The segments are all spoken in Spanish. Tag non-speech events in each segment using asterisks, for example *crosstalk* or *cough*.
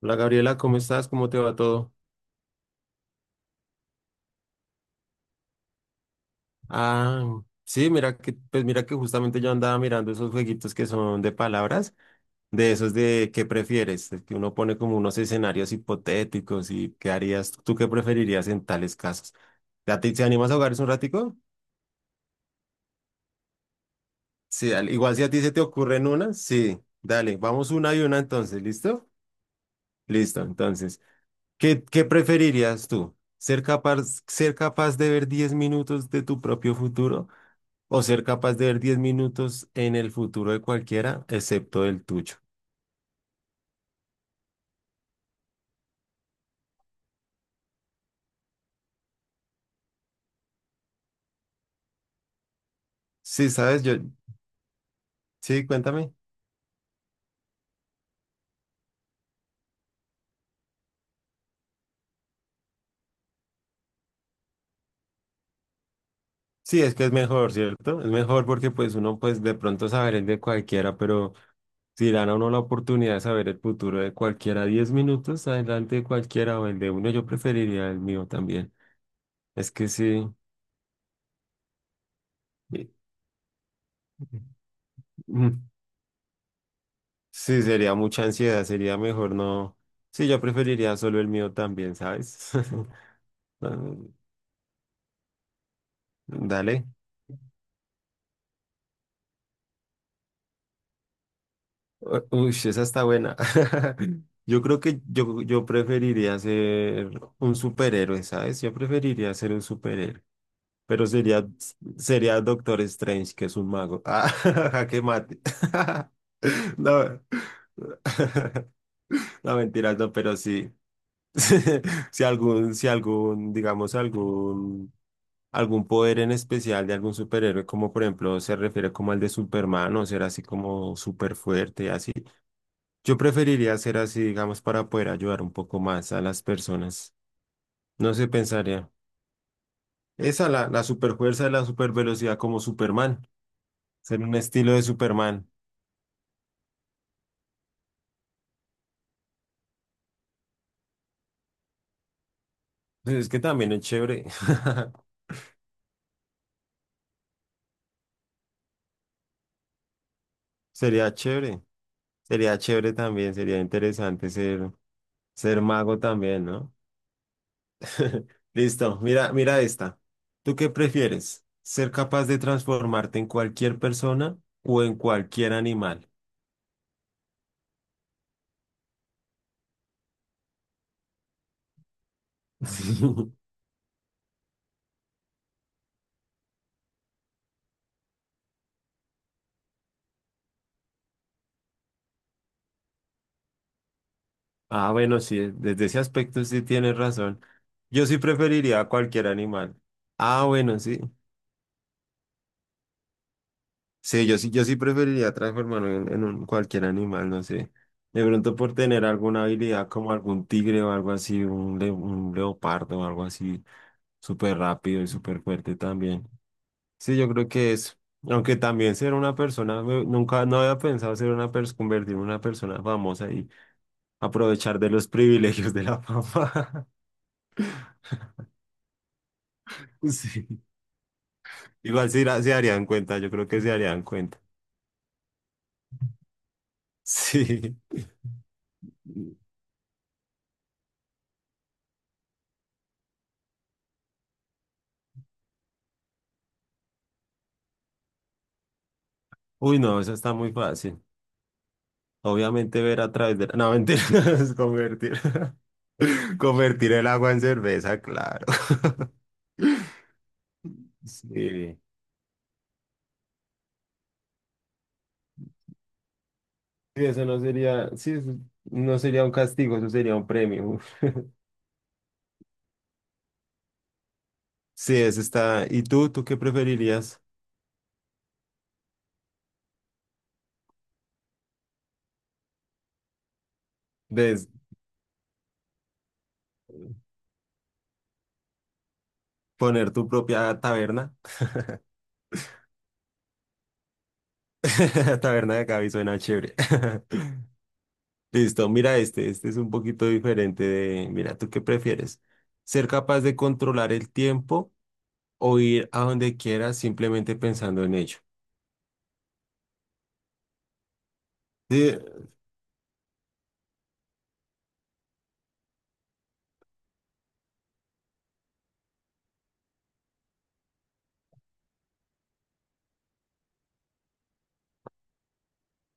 Hola Gabriela, ¿cómo estás? ¿Cómo te va todo? Ah, sí, mira que, pues mira que justamente yo andaba mirando esos jueguitos que son de palabras, de esos de ¿qué prefieres? Que uno pone como unos escenarios hipotéticos y ¿qué harías? ¿Tú qué preferirías en tales casos? ¿A ti te animas a jugar un ratico? Sí, dale. Igual si a ti se te ocurren una, sí, dale, vamos una y una entonces, ¿listo? Listo, entonces, ¿qué preferirías tú? ¿Ser capaz de ver 10 minutos de tu propio futuro o ser capaz de ver 10 minutos en el futuro de cualquiera, excepto el tuyo? Sí, sabes, yo, sí, cuéntame. Sí, es que es mejor, ¿cierto? Es mejor porque pues uno de pronto saber el de cualquiera, pero si dan a uno la oportunidad de saber el futuro de cualquiera, 10 minutos adelante de cualquiera o el de uno, yo preferiría el mío también. Es que sí, eh, mm, sí, sería mucha ansiedad, sería mejor no. Sí, yo preferiría solo el mío también, ¿sabes? *laughs* Ah, dale. Uy, esa está buena. *laughs* Yo creo que yo preferiría ser un superhéroe, ¿sabes? Yo preferiría ser un superhéroe. Pero sería, sería Doctor Strange, que es un mago. Ah, *laughs* jaque mate. *laughs* No, *laughs* no mentiras, no, pero sí. *laughs* Si algún, si algún, digamos, algún, algún poder en especial de algún superhéroe, como por ejemplo se refiere como al de Superman, o ser así como súper fuerte, así. Yo preferiría hacer así, digamos, para poder ayudar un poco más a las personas. No se pensaría. Esa, la superfuerza y la supervelocidad como Superman. Ser un estilo de Superman. *laughs* Pues es que también es chévere. *laughs* Sería chévere. Sería chévere también. Sería interesante ser, ser mago también, ¿no? *laughs* Listo. Mira, mira esta. ¿Tú qué prefieres? ¿Ser capaz de transformarte en cualquier persona o en cualquier animal? *laughs* Ah, bueno, sí, desde ese aspecto sí tienes razón. Yo sí preferiría a cualquier animal. Ah, bueno, sí. Sí, yo sí preferiría transformarme en cualquier animal, no sé. De pronto por tener alguna habilidad como algún tigre o algo así, un, un leopardo o algo así, súper rápido y súper fuerte también. Sí, yo creo que es. Aunque también ser una persona, nunca, no había pensado ser una persona, convertirme en una persona famosa y aprovechar de los *laughs* privilegios de la fama. *laughs* Sí. Igual sí se darían cuenta, yo creo que se darían cuenta. *laughs* Sí. Uy, no, eso está muy fácil. Obviamente ver a través de no, mentira, *laughs* es convertir. *laughs* Convertir el agua en cerveza, claro. *laughs* Sí. Sí, eso no sería, sí, eso no sería un castigo, eso sería un premio. Uf. Sí, eso está. ¿Y tú qué preferirías? ¿De poner tu propia taberna? *laughs* Taberna de Cavi suena chévere. *laughs* Listo, mira este, este es un poquito diferente de, mira, ¿tú qué prefieres? ¿Ser capaz de controlar el tiempo o ir a donde quieras simplemente pensando en ello? Sí,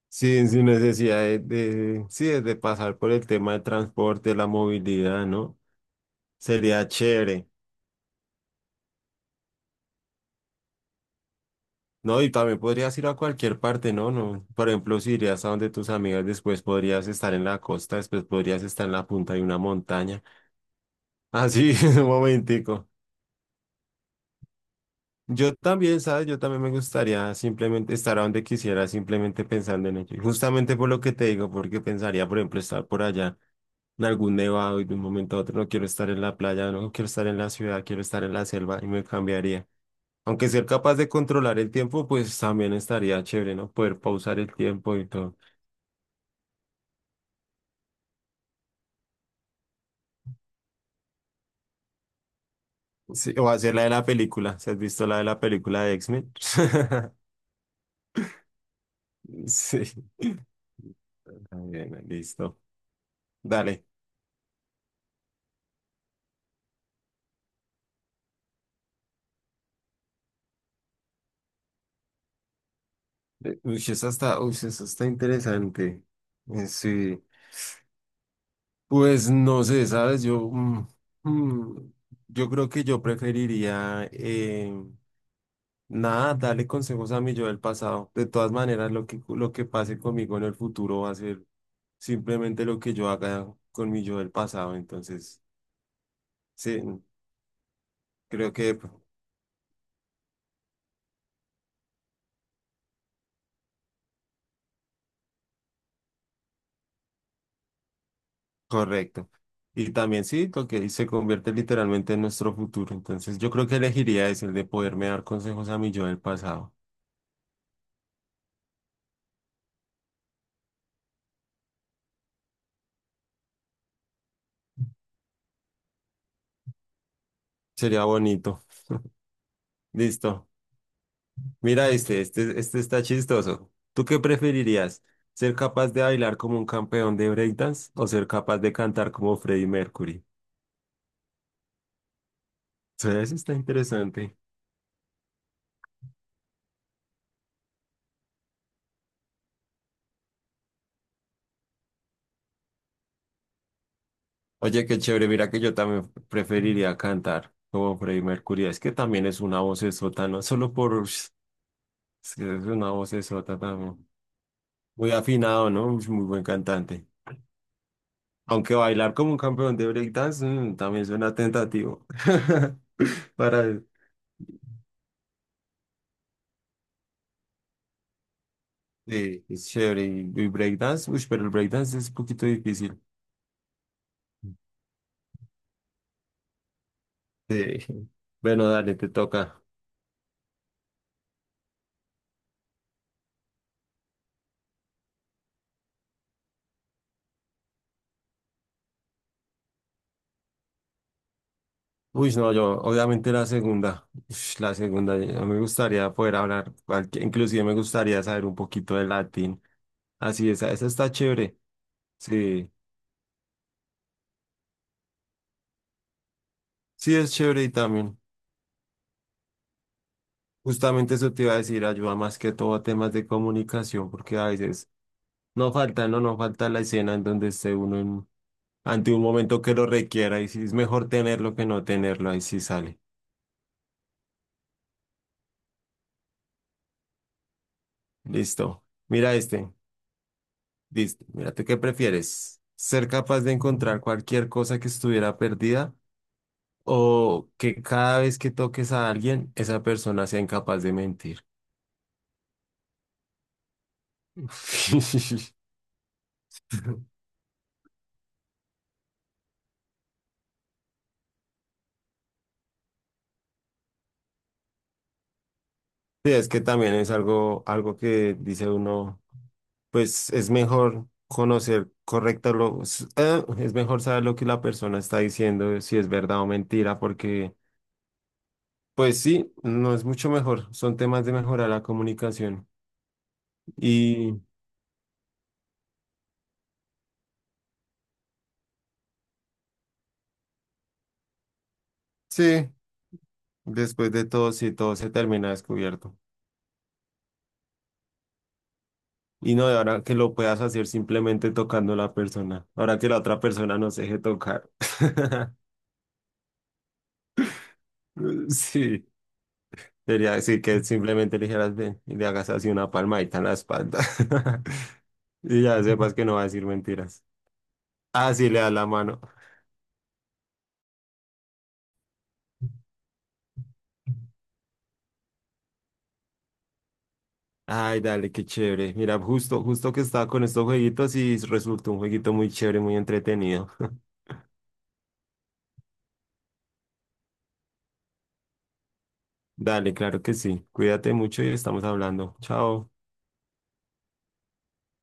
sí sin necesidad de sí, de pasar por el tema del transporte, la movilidad, ¿no? Sería chévere, ¿no? Y también podrías ir a cualquier parte, ¿no? No, por ejemplo, si irías a donde tus amigas, después podrías estar en la costa, después podrías estar en la punta de una montaña. Así, *laughs* un momentico. Yo también, ¿sabes? Yo también me gustaría simplemente estar a donde quisiera, simplemente pensando en ello. Y justamente por lo que te digo, porque pensaría, por ejemplo, estar por allá en algún nevado y de un momento a otro no quiero estar en la playa, no quiero estar en la ciudad, quiero estar en la selva y me cambiaría. Aunque ser capaz de controlar el tiempo, pues también estaría chévere, ¿no? Poder pausar el tiempo y todo. Sí, o hacer la de la película. ¿Se has visto la de la película de X-Men? *laughs* Sí. Está bien, listo. Dale. Uy, esa está interesante. Sí, pues no sé, ¿sabes? Yo, mm, yo creo que yo preferiría, nada, darle consejos a mi yo del pasado. De todas maneras, lo que pase conmigo en el futuro va a ser simplemente lo que yo haga con mi yo del pasado. Entonces, sí, creo que correcto. Y también sí, lo que se convierte literalmente en nuestro futuro. Entonces, yo creo que elegiría es el de poderme dar consejos a mi yo del pasado. Sería bonito. Listo. Mira este, este está chistoso. ¿Tú qué preferirías? ¿Ser capaz de bailar como un campeón de breakdance o ser capaz de cantar como Freddie Mercury? Sí, eso está interesante. Oye, qué chévere. Mira que yo también preferiría cantar como Freddie Mercury. Es que también es una vocesota, no solo por... ush, es que es una vocesota también. Muy afinado, ¿no? Ush, muy buen cantante. Aunque bailar como un campeón de breakdance también suena tentativo. *laughs* Para sí, es chévere. Y breakdance, uy, pero el breakdance es un poquito difícil. Sí. Bueno, dale, te toca. Uy, no, yo, obviamente la segunda. Ush, la segunda, yo me gustaría poder hablar, inclusive me gustaría saber un poquito de latín. Así, esa está chévere. Sí, sí, es chévere y también, justamente eso te iba a decir, ayuda más que todo a temas de comunicación, porque a veces no falta, no falta la escena en donde esté uno ante un momento que lo requiera y sí es mejor tenerlo que no tenerlo, ahí sí sale. Listo. Mira este. Listo. Mírate, ¿qué prefieres? ¿Ser capaz de encontrar cualquier cosa que estuviera perdida o que cada vez que toques a alguien, esa persona sea incapaz de mentir? *laughs* Sí, es que también es algo, algo que dice uno, pues es mejor conocer correcto lo, es mejor saber lo que la persona está diciendo, si es verdad o mentira, porque pues sí, no es mucho mejor, son temas de mejorar la comunicación. Y sí, después de todo, sí, todo se termina descubierto. Y no de ahora que lo puedas hacer simplemente tocando a la persona. Ahora que la otra persona no se deje tocar. *laughs* Sí, sería decir que simplemente le dijeras ven y le hagas así una palmadita en la espalda. *laughs* Y ya sepas que no va a decir mentiras. Ah, sí, le das la mano. Ay, dale, qué chévere. Mira, justo, justo que estaba con estos jueguitos y resultó un jueguito muy chévere, muy entretenido. *laughs* Dale, claro que sí. Cuídate mucho y estamos hablando. Chao.